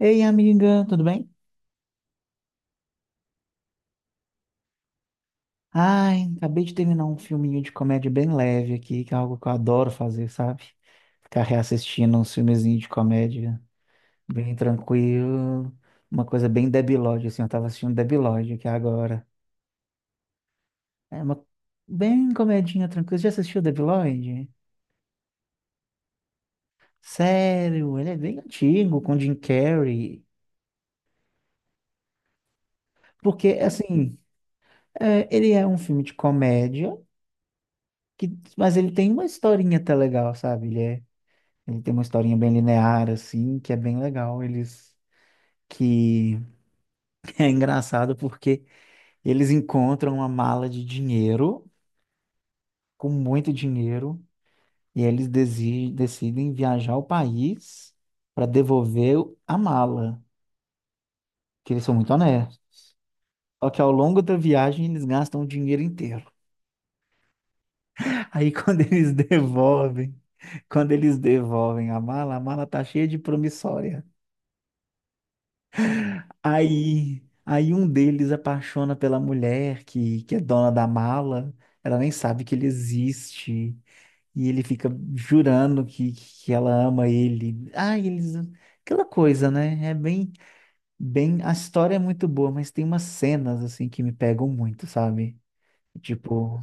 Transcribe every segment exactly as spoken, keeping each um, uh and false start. Ei, amiga, tudo bem? Ai, acabei de terminar um filminho de comédia bem leve aqui, que é algo que eu adoro fazer, sabe? Ficar reassistindo uns filmezinhos de comédia bem tranquilo, uma coisa bem debilóide, assim, eu tava assistindo debilóide aqui agora. É uma Bem comedinha tranquila. Você já assistiu debilóide? Sério, ele é bem antigo, com Jim Carrey. Porque, assim, é, ele é um filme de comédia, que, mas ele tem uma historinha até legal, sabe? Ele é Ele tem uma historinha bem linear, assim, que é bem legal. Eles. Que é engraçado porque eles encontram uma mala de dinheiro, com muito dinheiro, e eles desi- decidem viajar ao país para devolver a mala, que eles são muito honestos. Só que ao longo da viagem eles gastam o dinheiro inteiro. Aí quando eles devolvem, quando eles devolvem a mala, a mala tá cheia de promissória. Aí, aí um deles apaixona pela mulher que, que é dona da mala, ela nem sabe que ele existe, e ele fica jurando que, que ela ama ele. Ah, eles, aquela coisa, né? É bem, bem, a história é muito boa, mas tem umas cenas assim que me pegam muito, sabe? Tipo,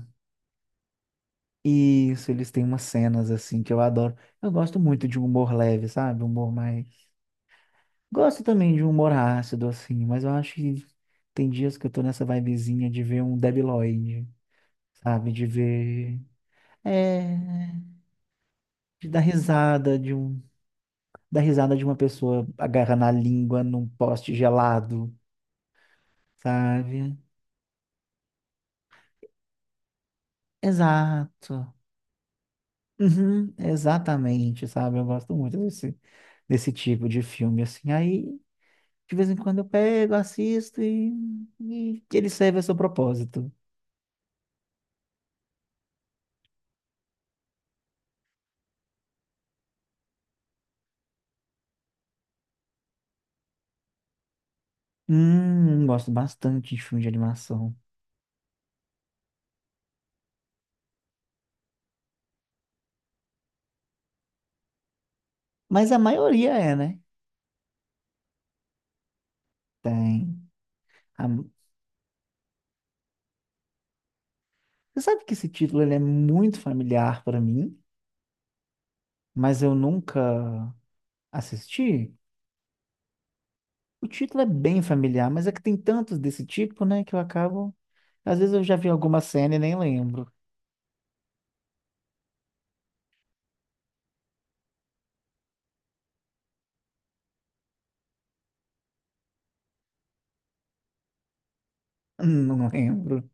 isso, eles têm umas cenas assim que eu adoro. Eu gosto muito de humor leve, sabe? Humor mais. Gosto também de um humor ácido, assim, mas eu acho que tem dias que eu tô nessa vibezinha de ver um Debi Lloyd, sabe? De ver. É. De dar risada de um. Dar risada de uma pessoa agarrando a língua num poste gelado, sabe? Exato. Uhum, exatamente, sabe? Eu gosto muito desse, desse tipo de filme, assim. Aí, de vez em quando eu pego, assisto e, e ele serve a seu propósito. Hum, gosto bastante de filme de animação. Mas a maioria é, né? Tem. A- Você sabe que esse título ele é muito familiar para mim, mas eu nunca assisti? O título é bem familiar, mas é que tem tantos desse tipo, né, que eu acabo. Às vezes eu já vi alguma cena e nem lembro. Não lembro.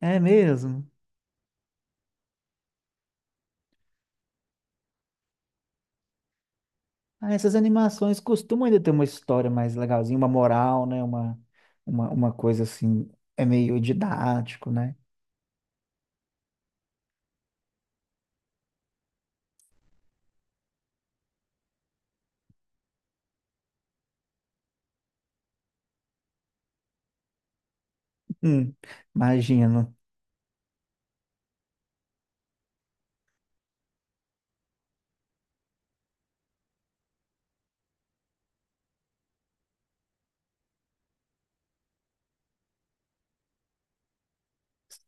É mesmo? Ah, essas animações costumam ainda ter uma história mais legalzinha, uma moral, né? Uma, uma, uma coisa assim, é meio didático, né? Hum, imagino.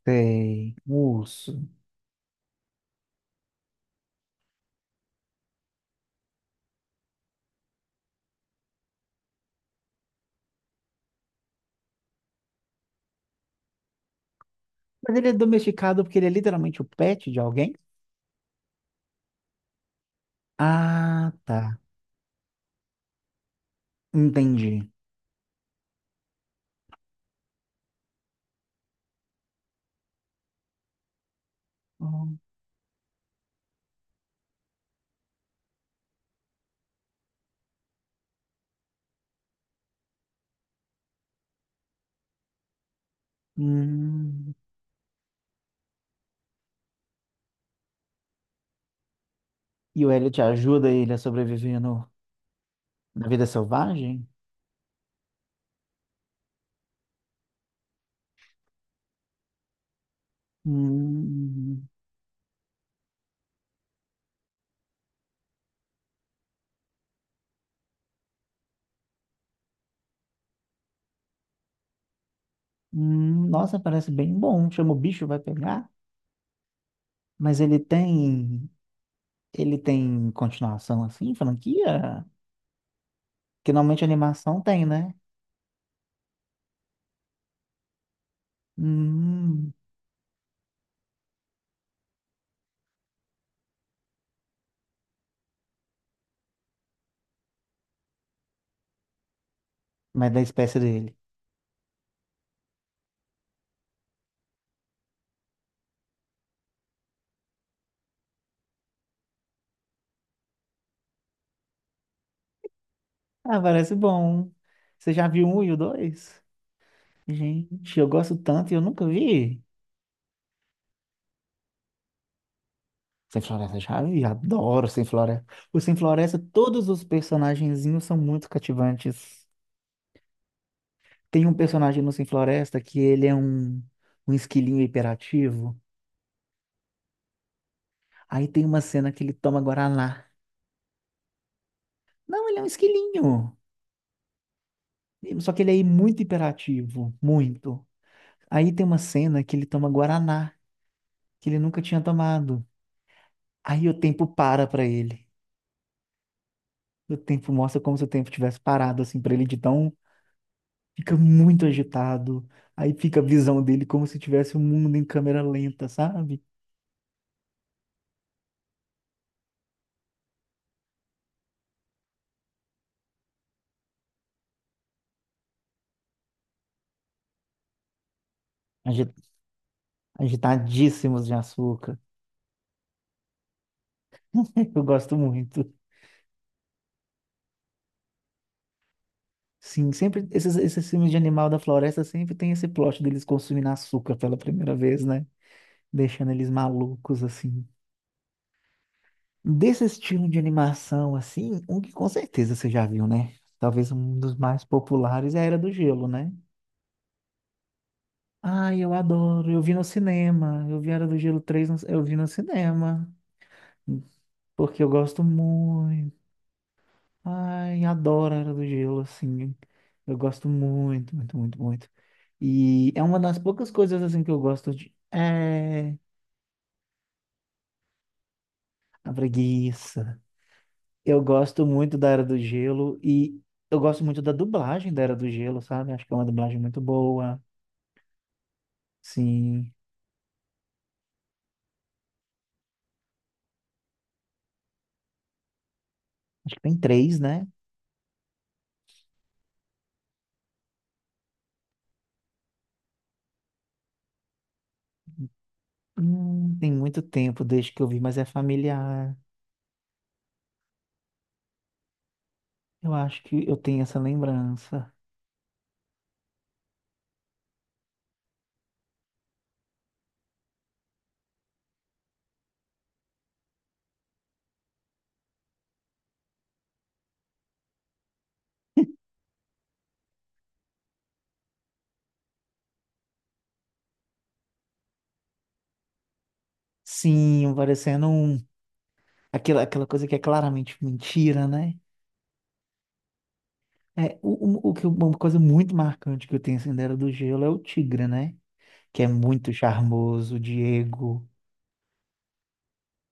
Sei. Urso. Mas ele é domesticado porque ele é literalmente o pet de alguém? Ah, tá. Entendi. Hum. Hum. E o Elliot ajuda ele a sobreviver no, na vida selvagem? Hum. Hum. Nossa, parece bem bom. Chama o bicho, vai pegar. Mas ele tem. Ele tem continuação assim, franquia? Que normalmente animação tem, né? Hum. Mas da espécie dele. Ah, parece bom. Você já viu um e o dois? Gente, eu gosto tanto e eu nunca vi. Sem Floresta já, e adoro Sem Floresta. O Sem Floresta, todos os personagenzinhos são muito cativantes. Tem um personagem no Sem Floresta que ele é um, um esquilinho hiperativo. Aí tem uma cena que ele toma Guaraná. Não, ele é um esquilinho. Só que ele é muito hiperativo, muito. Aí tem uma cena que ele toma Guaraná, que ele nunca tinha tomado. Aí o tempo para pra ele. O tempo mostra como se o tempo tivesse parado, assim, pra ele de tão fica muito agitado. Aí fica a visão dele como se tivesse o mundo em câmera lenta, sabe? Agi- Agitadíssimos de açúcar. Eu gosto muito. Sim, sempre esses, esses filmes de animal da floresta sempre tem esse plot deles consumindo açúcar pela primeira vez, né? Deixando eles malucos, assim. Desse estilo de animação, assim, um que com certeza você já viu, né? Talvez um dos mais populares é a Era do Gelo, né? Ai, eu adoro. Eu vi no cinema. Eu vi Era do Gelo três. No- eu vi no cinema. Porque eu gosto muito. Ai, adoro a Era do Gelo, assim. Eu gosto muito, muito, muito, muito. E é uma das poucas coisas, assim, que eu gosto de. É. A preguiça. Eu gosto muito da Era do Gelo e eu gosto muito da dublagem da Era do Gelo, sabe? Acho que é uma dublagem muito boa. Sim. Acho que tem três, né? Hum, tem muito tempo desde que eu vi, mas é familiar. Eu acho que eu tenho essa lembrança. Sim, parecendo um. Aquela, aquela coisa que é claramente mentira, né? É, o, o, o que, eu- uma coisa muito marcante que eu tenho assim da Era do Gelo é o Tigre, né? Que é muito charmoso, o Diego.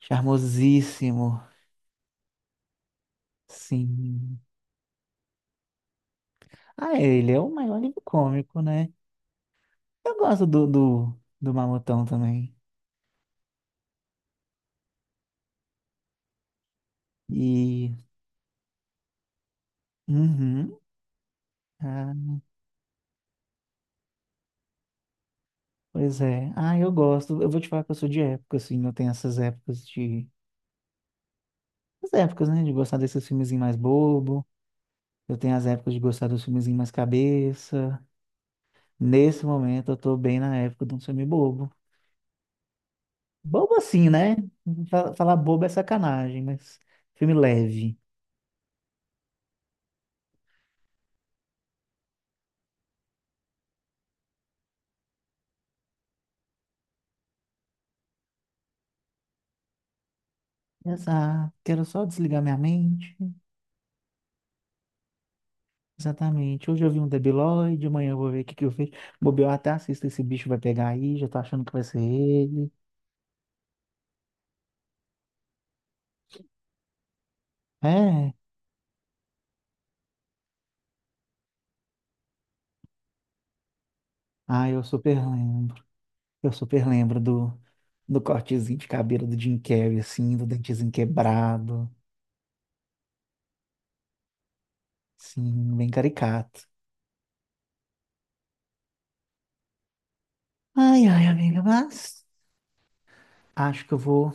Charmosíssimo. Sim. Ah, é, ele é o maior livro cômico, né? Eu gosto do, do, do Mamutão também. E. Uhum. Ah, pois é. Ah, eu gosto. Eu vou te falar que eu sou de época, assim. Eu tenho essas épocas de. As épocas, né? De gostar desses filmes mais bobo. Eu tenho as épocas de gostar dos filmezinhos mais cabeça. Nesse momento, eu tô bem na época de um filme bobo. Bobo assim, né? Fa- Falar bobo é sacanagem, mas filme leve. Exato. Quero só desligar minha mente. Exatamente. Hoje eu vi um Debiloid, amanhã eu vou ver o que que eu fiz. Bobear até assisto esse bicho vai pegar aí, já tô achando que vai ser ele. É. Ah, eu super lembro. Eu super lembro do, do cortezinho de cabelo do Jim Carrey, assim, do dentezinho quebrado. Sim, bem caricato. Ai, ai, amiga, mas acho que eu vou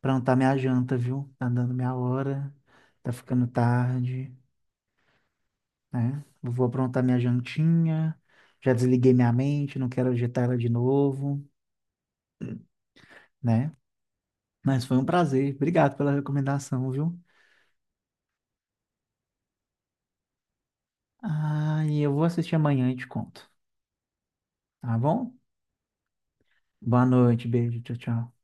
aprontar minha janta, viu? Tá dando minha hora, tá ficando tarde, né? Eu vou aprontar minha jantinha, já desliguei minha mente, não quero agitar ela de novo, né? Mas foi um prazer, obrigado pela recomendação, viu? Ah, e eu vou assistir amanhã e te conto, tá bom? Boa noite, beijo, tchau, tchau.